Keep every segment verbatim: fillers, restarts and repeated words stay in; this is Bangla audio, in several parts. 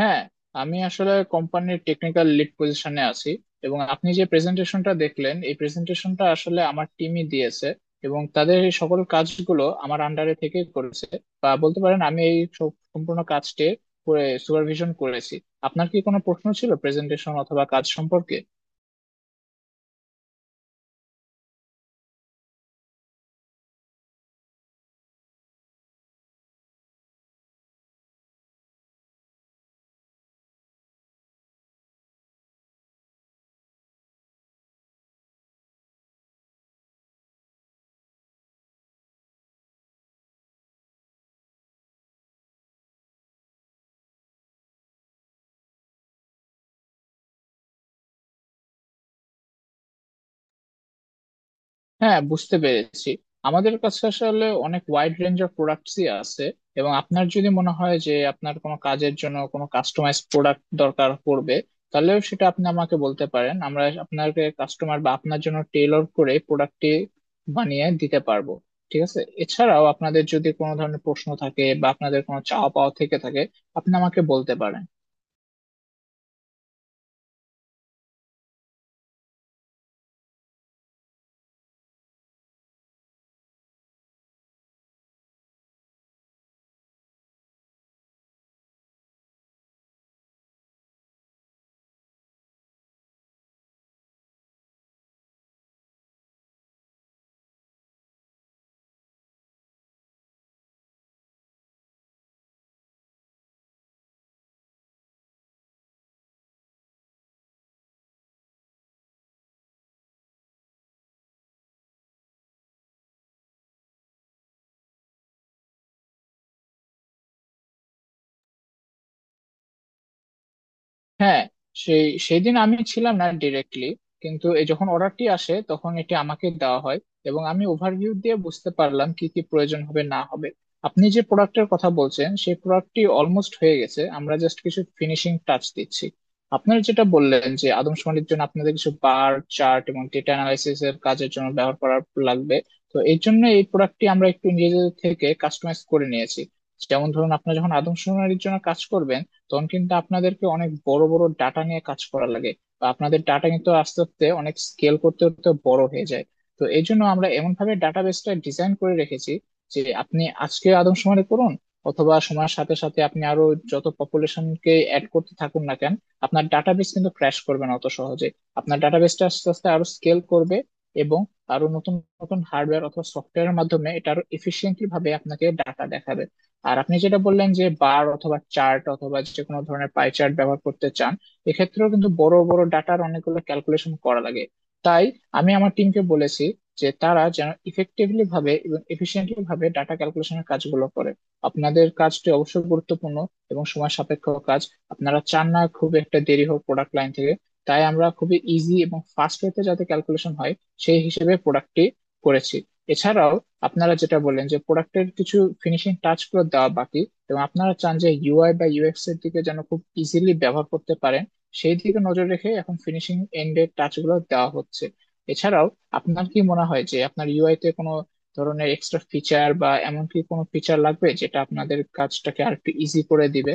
হ্যাঁ, আমি আসলে কোম্পানির টেকনিক্যাল লিড পজিশনে আছি। এবং আপনি যে প্রেজেন্টেশনটা দেখলেন এই প্রেজেন্টেশনটা আসলে আমার টিমই দিয়েছে এবং তাদের এই সকল কাজগুলো আমার আন্ডারে থেকে করেছে। বা বলতে পারেন আমি এই সব- সম্পূর্ণ কাজটি সুপারভিশন করেছি। আপনার কি কোনো প্রশ্ন ছিল প্রেজেন্টেশন অথবা কাজ সম্পর্কে? হ্যাঁ, বুঝতে পেরেছি। আমাদের কাছে আসলে অনেক ওয়াইড রেঞ্জ অফ প্রোডাক্টসই আছে, এবং আপনার যদি মনে হয় যে আপনার কোনো কাজের জন্য কোনো কাস্টমাইজ প্রোডাক্ট দরকার পড়বে, তাহলেও সেটা আপনি আমাকে বলতে পারেন। আমরা আপনাকে কাস্টমার বা আপনার জন্য টেইলর করে প্রোডাক্টটি বানিয়ে দিতে পারবো। ঠিক আছে, এছাড়াও আপনাদের যদি কোনো ধরনের প্রশ্ন থাকে বা আপনাদের কোনো চাওয়া পাওয়া থেকে থাকে, আপনি আমাকে বলতে পারেন। হ্যাঁ, সেই সেদিন আমি ছিলাম না ডিরেক্টলি, কিন্তু এই যখন অর্ডারটি আসে তখন এটি আমাকে দেওয়া হয়, এবং আমি ওভারভিউ দিয়ে বুঝতে পারলাম কি কি প্রয়োজন হবে না হবে। আপনি যে প্রোডাক্টের কথা বলছেন সেই প্রোডাক্টটি অলমোস্ট হয়ে গেছে, আমরা জাস্ট কিছু ফিনিশিং টাচ দিচ্ছি। আপনার যেটা বললেন যে আদমশুমারির জন্য আপনাদের কিছু বার চার্ট এবং ডেটা অ্যানালাইসিস এর কাজের জন্য ব্যবহার করার লাগবে, তো এই জন্য এই প্রোডাক্টটি আমরা একটু নিজেদের থেকে কাস্টমাইজ করে নিয়েছি। যেমন ধরুন আপনারা যখন আদমশুমারির জন্য কাজ করবেন, তখন কিন্তু আপনাদেরকে অনেক বড় বড় ডাটা নিয়ে কাজ করা লাগে, বা আপনাদের ডাটা কিন্তু আস্তে আস্তে অনেক স্কেল করতে করতে বড় হয়ে যায়। তো এই জন্য আমরা এমন ভাবে ডাটাবেসটা ডিজাইন করে রেখেছি যে আপনি আজকে আদমশুমারি করুন অথবা সময়ের সাথে সাথে আপনি আরো যত পপুলেশনকে অ্যাড করতে থাকুন না কেন, আপনার ডাটাবেস কিন্তু ক্র্যাশ করবে না অত সহজে। আপনার ডাটাবেসটা আস্তে আস্তে আরো স্কেল করবে এবং আরো নতুন নতুন হার্ডওয়্যার অথবা সফটওয়্যারের মাধ্যমে এটা আরো এফিসিয়েন্টলি ভাবে আপনাকে ডাটা দেখাবে। আর আপনি যেটা বললেন যে বার অথবা চার্ট অথবা যে কোনো ধরনের পাই চার্ট ব্যবহার করতে চান, এক্ষেত্রেও কিন্তু বড় বড় ডাটার অনেকগুলো ক্যালকুলেশন করা লাগে। তাই আমি আমার টিমকে বলেছি যে তারা যেন ইফেক্টিভলি ভাবে এবং এফিসিয়েন্টলি ভাবে ডাটা ক্যালকুলেশনের কাজগুলো করে। আপনাদের কাজটি অবশ্যই গুরুত্বপূর্ণ এবং সময় সাপেক্ষ কাজ, আপনারা চান না খুব একটা দেরি হোক প্রোডাক্ট লাইন থেকে। তাই আমরা খুবই ইজি এবং ফাস্ট ওয়েতে যাতে ক্যালকুলেশন হয় সেই হিসেবে প্রোডাক্টটি করেছি। এছাড়াও আপনারা যেটা বললেন যে প্রোডাক্টের কিছু ফিনিশিং টাচ গুলো দেওয়া বাকি এবং আপনারা চান যে ইউআই বা ইউএক্স এর দিকে যেন খুব ইজিলি ব্যবহার করতে পারেন, সেই দিকে নজর রেখে এখন ফিনিশিং এন্ডের টাচ গুলো দেওয়া হচ্ছে। এছাড়াও আপনার কি মনে হয় যে আপনার ইউআই তে কোনো ধরনের এক্সট্রা ফিচার বা এমন কি কোনো ফিচার লাগবে যেটা আপনাদের কাজটাকে আর একটু ইজি করে দিবে?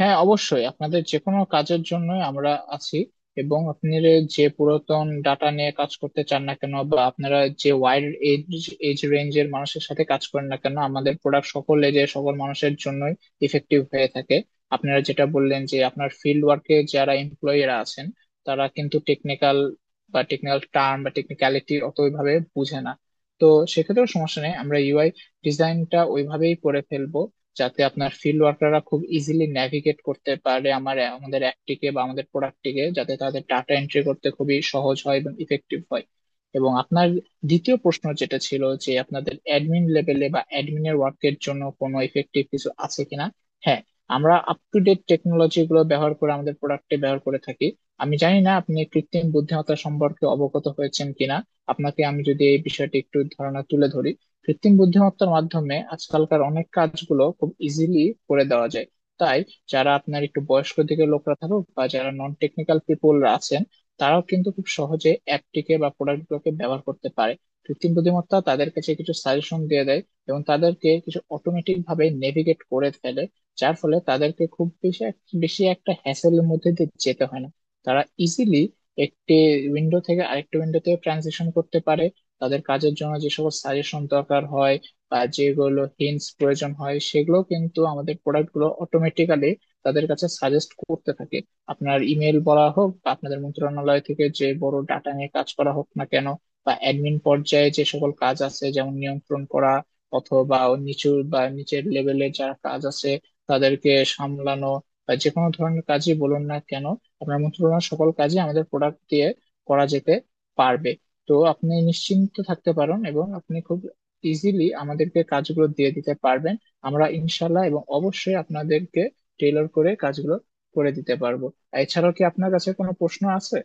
হ্যাঁ, অবশ্যই আপনাদের যে কোনো কাজের জন্য আমরা আছি। এবং আপনারা যে পুরাতন ডাটা নিয়ে কাজ করতে চান না কেন বা আপনারা যে ওয়াইড এজ এজ রেঞ্জের মানুষের সাথে কাজ করেন না কেন, আমাদের প্রোডাক্ট সকল এজে সকল মানুষের জন্যই ইফেক্টিভ হয়ে থাকে। আপনারা যেটা বললেন যে আপনার ফিল্ড ওয়ার্কে যারা এমপ্লয়িরা আছেন, তারা কিন্তু টেকনিক্যাল বা টেকনিক্যাল টার্ম বা টেকনিক্যালিটি অতভাবে বুঝে না, তো সেক্ষেত্রেও সমস্যা নেই। আমরা ইউআই ডিজাইনটা ওইভাবেই করে ফেলবো যাতে আপনার ফিল্ড ওয়ার্কাররা খুব ইজিলি ন্যাভিগেট করতে পারে আমার আমাদের অ্যাপটিকে বা আমাদের প্রোডাক্টটিকে, যাতে তাদের ডাটা এন্ট্রি করতে খুবই সহজ হয় এবং ইফেক্টিভ হয়। এবং আপনার দ্বিতীয় প্রশ্ন যেটা ছিল যে আপনাদের অ্যাডমিন লেভেলে বা অ্যাডমিনের ওয়ার্কের জন্য কোনো ইফেক্টিভ কিছু আছে কিনা, হ্যাঁ, আমরা আপ টু ডেট টেকনোলজি গুলো ব্যবহার করে আমাদের প্রোডাক্টে ব্যবহার করে থাকি। আমি জানি না আপনি কৃত্রিম বুদ্ধিমত্তা সম্পর্কে অবগত হয়েছেন কিনা, আপনাকে আমি যদি এই বিষয়টি একটু ধারণা তুলে ধরি। কৃত্রিম বুদ্ধিমত্তার মাধ্যমে আজকালকার অনেক কাজগুলো খুব ইজিলি করে দেওয়া যায়। তাই যারা আপনার একটু বয়স্ক দিকের লোকরা থাকুক বা যারা নন টেকনিক্যাল পিপলরা আছেন, তারাও কিন্তু খুব সহজে অ্যাপটিকে বা প্রোডাক্টগুলোকে ব্যবহার করতে পারে। কৃত্রিম বুদ্ধিমত্তা তাদের কাছে কিছু সাজেশন দিয়ে দেয় এবং তাদেরকে কিছু অটোমেটিক ভাবে নেভিগেট করে ফেলে, যার ফলে তাদেরকে খুব বেশি এক- বেশি একটা হ্যাসেলের মধ্যে দিয়ে যেতে হয় না। তারা ইজিলি একটি উইন্ডো থেকে আরেকটি উইন্ডোতে ট্রানজিশন করতে পারে। তাদের কাজের জন্য যে সকল সাজেশন দরকার হয় বা যেগুলো হিন্টস প্রয়োজন হয়, সেগুলো কিন্তু আমাদের প্রোডাক্ট গুলো অটোমেটিক্যালি তাদের কাছে সাজেস্ট করতে থাকে। আপনার ইমেল বলা হোক বা আপনাদের মন্ত্রণালয় থেকে যে বড় ডাটা নিয়ে কাজ করা হোক না কেন, বা অ্যাডমিন পর্যায়ে যে সকল কাজ আছে যেমন নিয়ন্ত্রণ করা অথবা নিচু বা নিচের লেভেলে যারা কাজ আছে তাদেরকে সামলানো, বা যে কোনো ধরনের কাজই বলুন না কেন, আপনার মন্ত্রণালয়ের সকল কাজই আমাদের প্রোডাক্ট দিয়ে করা যেতে পারবে। তো আপনি নিশ্চিন্ত থাকতে পারেন এবং আপনি খুব ইজিলি আমাদেরকে কাজগুলো দিয়ে দিতে পারবেন। আমরা ইনশাল্লাহ এবং অবশ্যই আপনাদেরকে টেলর করে কাজগুলো করে দিতে পারবো। এছাড়াও কি আপনার কাছে কোনো প্রশ্ন আছে?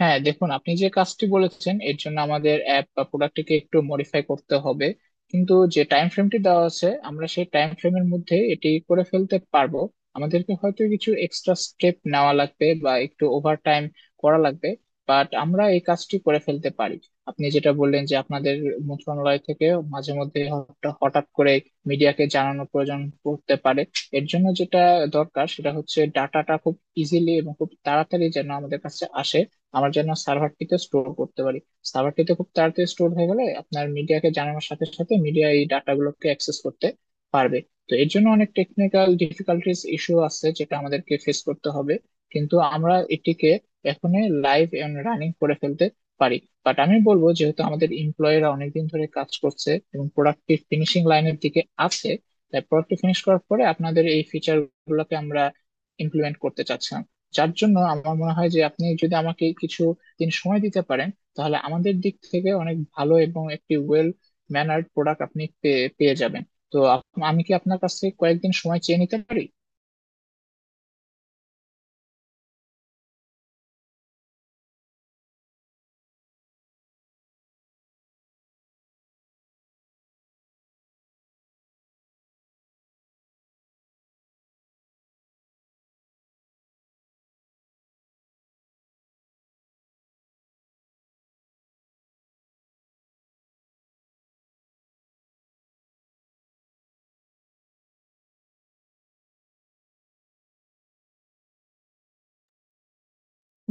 হ্যাঁ দেখুন, আপনি যে কাজটি বলেছেন এর জন্য আমাদের অ্যাপ বা প্রোডাক্টটিকে একটু মডিফাই করতে হবে, কিন্তু যে টাইম ফ্রেমটি দেওয়া আছে আমরা সেই টাইম ফ্রেমের মধ্যে এটি করে ফেলতে পারবো। আমাদেরকে হয়তো কিছু এক্সট্রা স্টেপ নেওয়া লাগবে বা একটু ওভার টাইম করা লাগবে, বাট আমরা এই কাজটি করে ফেলতে পারি। আপনি যেটা বললেন যে আপনাদের মন্ত্রণালয় থেকে মাঝে মধ্যে হঠাৎ হঠাৎ করে মিডিয়াকে জানানোর প্রয়োজন পড়তে পারে, এর জন্য যেটা দরকার সেটা হচ্ছে ডাটাটা খুব ইজিলি এবং খুব তাড়াতাড়ি যেন আমাদের কাছে আসে, আমার যেন সার্ভারটিতে স্টোর করতে পারি। সার্ভারটিতে খুব তাড়াতাড়ি স্টোর হয়ে গেলে আপনার মিডিয়াকে জানানোর সাথে সাথে মিডিয়া এই ডাটাগুলোকে অ্যাক্সেস করতে পারবে। তো এর জন্য অনেক টেকনিক্যাল ডিফিকাল্টিস ইস্যু আছে যেটা আমাদেরকে ফেস করতে হবে, কিন্তু আমরা এটিকে এখনই লাইভ এন্ড রানিং করে ফেলতে পারি। বাট আমি বলবো, যেহেতু আমাদের এমপ্লয়িরা অনেকদিন ধরে কাজ করছে এবং প্রোডাক্টটি ফিনিশিং লাইনের দিকে আছে, তাই প্রোডাক্টটি ফিনিশ করার পরে আপনাদের এই ফিচার গুলোকে আমরা ইমপ্লিমেন্ট করতে চাচ্ছি। যার জন্য আমার মনে হয় যে আপনি যদি আমাকে কিছু দিন সময় দিতে পারেন, তাহলে আমাদের দিক থেকে অনেক ভালো এবং একটি ওয়েল ম্যানার্ড প্রোডাক্ট আপনি পেয়ে পেয়ে যাবেন। তো আপ- আমি কি আপনার কাছ থেকে কয়েকদিন সময় চেয়ে নিতে পারি?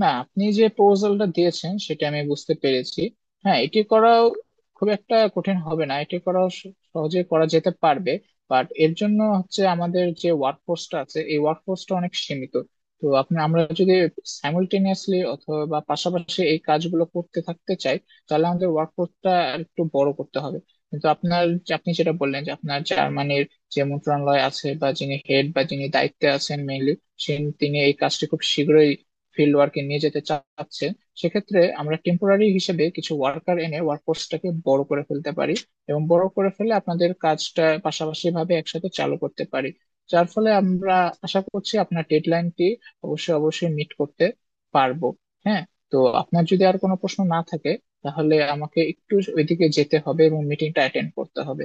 না, আপনি যে প্রপোজালটা দিয়েছেন সেটা আমি বুঝতে পেরেছি। হ্যাঁ, এটি করাও খুব একটা কঠিন হবে না, এটি করাও স- সহজে করা যেতে পারবে। বাট এর জন্য হচ্ছে আমাদের যে ওয়ার্ক ফোর্সটা আছে এই ওয়ার্ক ফোর্সটা অনেক সীমিত। তো আপনি আমরা যদি সাইমultaneously অথবা পাশাপাশি এই কাজগুলো করতে থাকতে চাই, তাহলে আমাদের ওয়ার্ক ফোর্সটা একটু বড় করতে হবে। কিন্তু আপনার আপনি যেটা বললেন যে আপনার জার্মানির যে মন্ত্রণালয় আছে বা যিনি হেড বা যিনি দায়িত্বে আছেন মেইনলি, তিনি এই কাজটি খুব শীঘ্রই ফিল্ড ওয়ার্কে নিয়ে যেতে চাচ্ছে। সেক্ষেত্রে আমরা টেম্পোরারি হিসেবে কিছু ওয়ার্কার এনে ওয়ার্কফোর্সটাকে বড় করে ফেলতে পারি এবং বড় করে ফেলে আপনাদের কাজটা পাশাপাশি ভাবে একসাথে চালু করতে পারি। যার ফলে আমরা আশা করছি আপনার ডেডলাইনটি অবশ্যই অবশ্যই মিট করতে পারবো। হ্যাঁ, তো আপনার যদি আর কোনো প্রশ্ন না থাকে, তাহলে আমাকে একটু ওইদিকে যেতে হবে এবং মিটিংটা অ্যাটেন্ড করতে হবে।